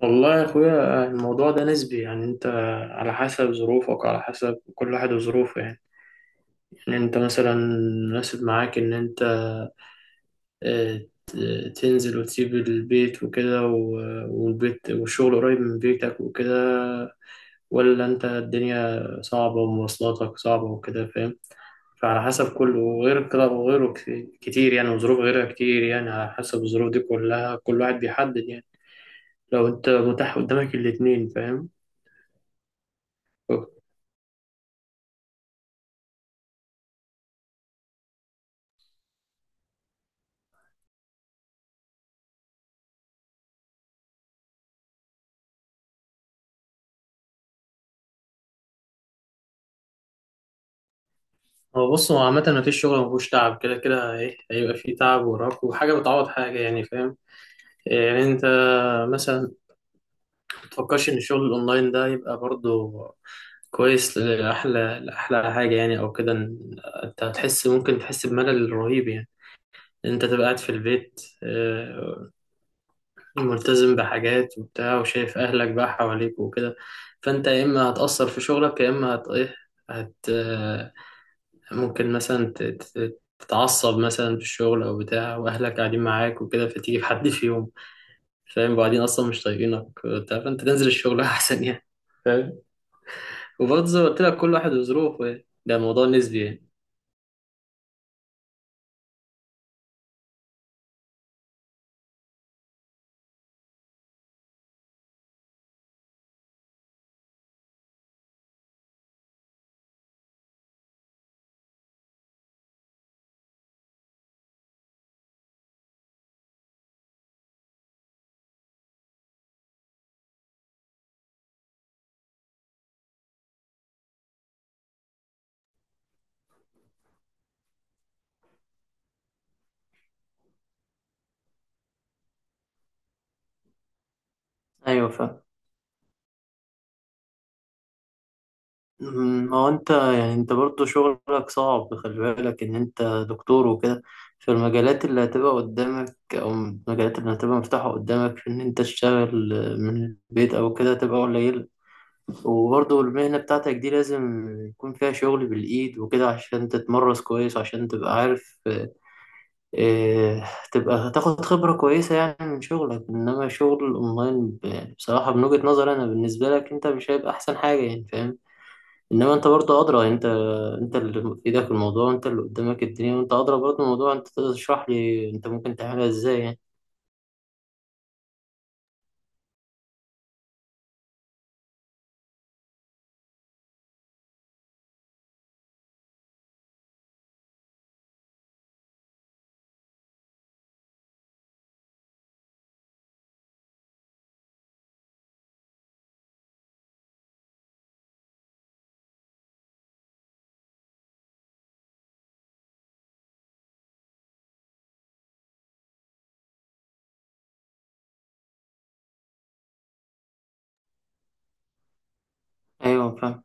والله يا اخويا، الموضوع ده نسبي يعني. انت على حسب ظروفك، على حسب كل واحد وظروفه يعني انت مثلا مناسب معاك ان انت آه، ت- تنزل وتسيب البيت وكده، والبيت والشغل قريب من بيتك وكده، ولا انت الدنيا صعبة ومواصلاتك صعبة وكده، فاهم؟ فعلى حسب كله، وغير كده وغيره كتير يعني، وظروف غيرها كتير يعني. على حسب الظروف دي كلها، كل واحد بيحدد يعني. لو انت متاح قدامك الاتنين، فاهم؟ هو بص، هو عامة مفيش شغل مفهوش تعب، كده كده ايه هيبقى فيه تعب وراك، وحاجة بتعوض حاجة يعني، فاهم؟ يعني انت مثلا متفكرش ان الشغل الاونلاين ده يبقى برضه كويس لأحلى حاجة يعني، او كده. إن انت هتحس، ممكن تحس بملل رهيب يعني، إن انت تبقى قاعد في البيت، آه، ملتزم بحاجات وبتاع، وشايف اهلك بقى حواليك وكده. فانت يا اما هتأثر في شغلك، يا اما هت ايه هت ممكن مثلا تتعصب مثلا في الشغل او بتاع، واهلك قاعدين معاك وكده، فتيجي في حد فيهم، فاهم؟ وبعدين اصلا مش طايقينك وبتاع، فانت تنزل الشغل احسن يعني، فاهم؟ وبرضه زي ما قلت لك، كل واحد وظروفه يعني، ده موضوع نسبي يعني. ايوه فاهم. ما هو انت، يعني انت برضو شغلك صعب، خلي بالك ان انت دكتور وكده. في المجالات اللي هتبقى قدامك، او المجالات اللي هتبقى مفتوحة قدامك في ان انت تشتغل من البيت او كده، هتبقى قليلة. وبرضه المهنة بتاعتك دي لازم يكون فيها شغل بالإيد وكده، عشان تتمرس كويس، عشان تبقى عارف إيه، تبقى تاخد خبرة كويسة يعني من شغلك. إنما شغل الأونلاين بصراحة من وجهة نظري أنا بالنسبة لك، أنت مش هيبقى أحسن حاجة يعني، فاهم؟ إنما أنت برضه أدرى يعني. أنت اللي في إيدك الموضوع، وأنت اللي قدامك الدنيا، وأنت أدرى برضه الموضوع. أنت تقدر تشرح لي أنت ممكن تعملها إزاي يعني. أيوه فاهم.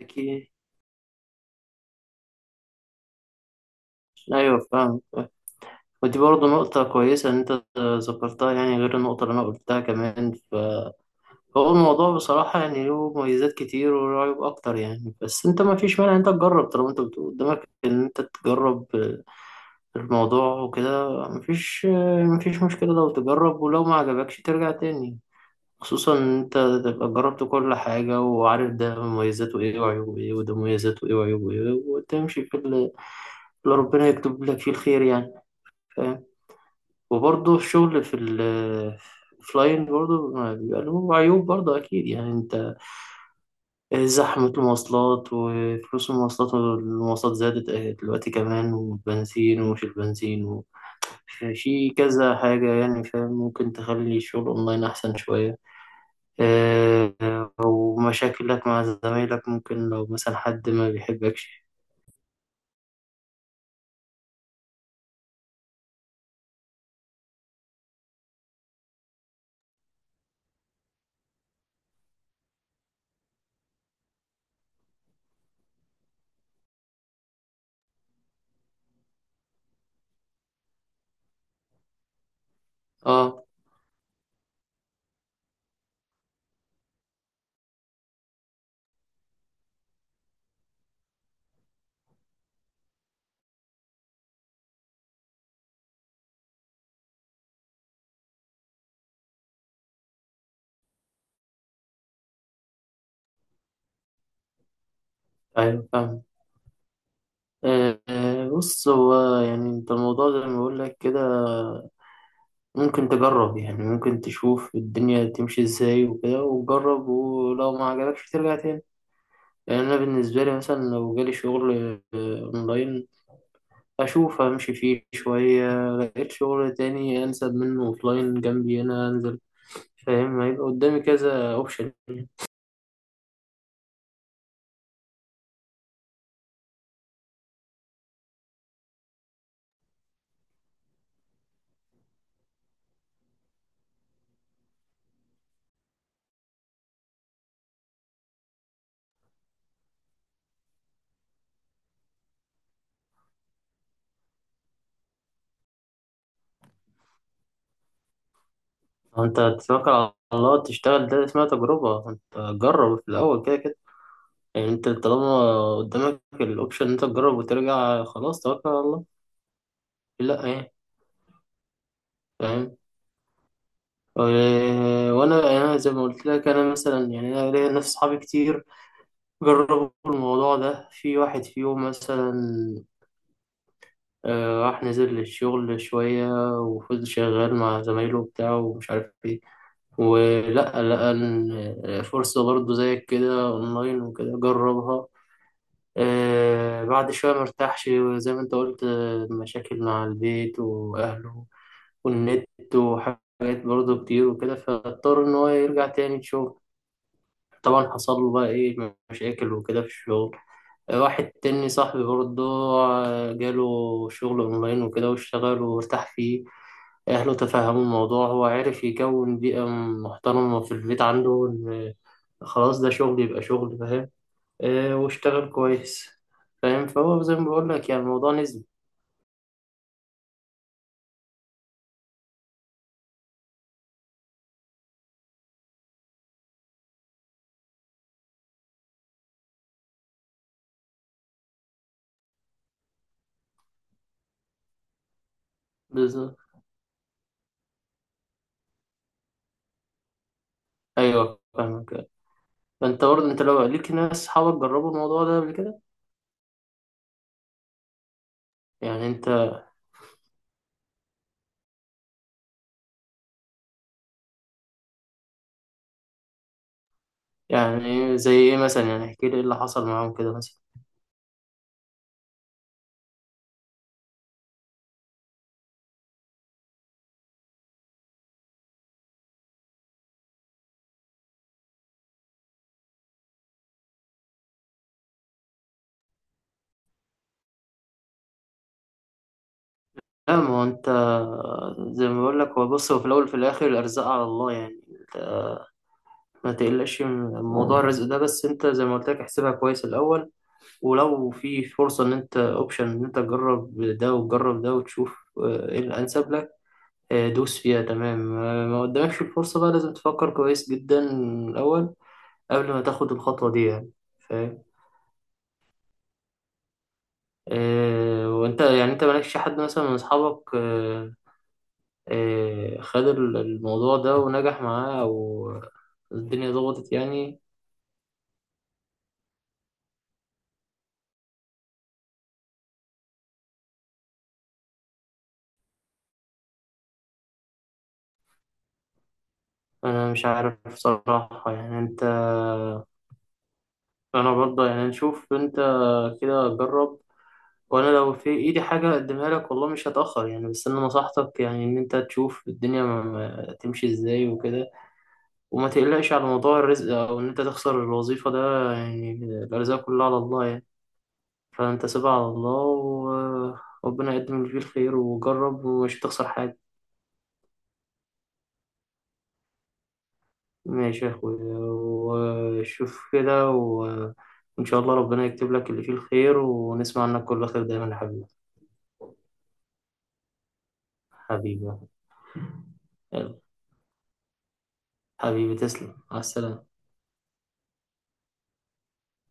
أكيد. أيوه فاهم. ودي برضه نقطة كويسة إن أنت ذكرتها يعني، غير النقطة اللي أنا قلتها كمان. فهو الموضوع بصراحة يعني له مميزات كتير وله عيوب أكتر يعني، بس أنت ما فيش مانع إن أنت تجرب، طالما أنت بتقول قدامك إن أنت تجرب الموضوع وكده. ما فيش مشكلة لو تجرب، ولو ما عجبكش ترجع تاني. خصوصا إن أنت تبقى جربت كل حاجة، وعارف ده مميزاته إيه وعيوبه إيه، وده مميزاته إيه وعيوبه إيه، وتمشي في اللي ربنا يكتب لك فيه الخير يعني، فاهم؟ وبرضه الشغل في ال فلاين برضه ما بيبقى له عيوب برضه أكيد يعني، أنت زحمة المواصلات وفلوس المواصلات، والمواصلات زادت دلوقتي كمان، والبنزين ومش البنزين، وفي كذا حاجة يعني، فاهم؟ ممكن تخلي الشغل أونلاين أحسن شوية. آه، أو مشاكلك مع زمايلك، ممكن لو مثلا حد ما بيحبكش. اه، أيوة فاهم. بص، هو يعني أنت الموضوع زي ما بقول لك كده، ممكن تجرب يعني، ممكن تشوف الدنيا تمشي ازاي وكده، وجرب، ولو ما عجبكش ترجع تاني. يعني انا بالنسبه لي مثلا لو جالي شغل اونلاين، اشوف امشي فيه شويه، لقيت شغل تاني انسب منه اوفلاين جنبي هنا انزل، فاهم؟ هيبقى قدامي كذا اوبشن. انت تتوكل على الله تشتغل، ده اسمها تجربه. انت جرب في الاول، كده كده يعني. انت طالما قدامك الاوبشن إن انت تجرب وترجع، خلاص توكل على الله، لا يعني، فاهم؟ وانا يعني، أنا زي ما قلت لك، انا مثلا يعني انا ليا ناس صحابي كتير جربوا الموضوع ده. في واحد فيهم مثلا راح نزل للشغل شوية، وفضل شغال مع زمايله بتاعه ومش عارف ايه، ولا لقى إن فرصة برضه زيك كده اونلاين وكده، جربها. بعد شوية مرتاحش، زي ما انت قلت. مشاكل مع البيت واهله والنت، وحاجات برضه كتير وكده، فاضطر ان هو يرجع تاني شغل. طبعا حصل له بقى ايه مشاكل وكده في الشغل. واحد تاني صاحبي برضه جاله شغل اونلاين وكده، واشتغل وارتاح فيه. اهله تفهموا الموضوع، هو عارف يكون بيئة محترمة في البيت عنده، ان خلاص ده شغل يبقى شغل، فاهم؟ واشتغل كويس، فاهم؟ فهو زي ما بقول لك يعني الموضوع نسبي. بالظبط. ايوه فاهمك. فانت برضه انت لو ليك ناس صحابك جربوا الموضوع ده قبل كده، يعني انت، يعني زي ايه مثلا؟ يعني احكي لي ايه اللي حصل معاهم كده مثلا؟ لا، ما هو انت، زي ما بقول لك، هو بص، هو في الاول وفي الاخر الارزاق على الله يعني. انت ما تقلقش من موضوع الرزق ده، بس انت زي ما قلت لك احسبها كويس الاول. ولو في فرصه ان انت اوبشن ان انت تجرب ده وتجرب ده وتشوف ايه الانسب لك، اه، دوس فيها، تمام. اه، ما قدامكش الفرصه بقى، لازم تفكر كويس جدا الاول قبل ما تاخد الخطوه دي يعني، فاهم؟ اه، وانت يعني، انت مالكش حد مثلا من اصحابك خد الموضوع ده ونجح معاه، أو الدنيا ضغطت يعني؟ أنا مش عارف بصراحة يعني. أنت، أنا برضه يعني نشوف. أنت كده جرب، وأنا لو في إيدي حاجة أقدمها لك والله مش هتأخر يعني. بس أنا نصحتك يعني إن أنت تشوف الدنيا ما تمشي إزاي وكده، وما تقلقش على موضوع الرزق أو إن أنت تخسر الوظيفة ده يعني، الأرزاق كلها على الله يعني. فأنت سيبها على الله، وربنا يقدم اللي فيه الخير، وجرب ومش هتخسر حاجة. ماشي يا أخويا، وشوف كده، وإن شاء الله ربنا يكتب لك اللي فيه الخير، ونسمع عنك كل خير دايما يا حبيبي. حبيبي، يلا، حبيبي تسلم، مع السلامة.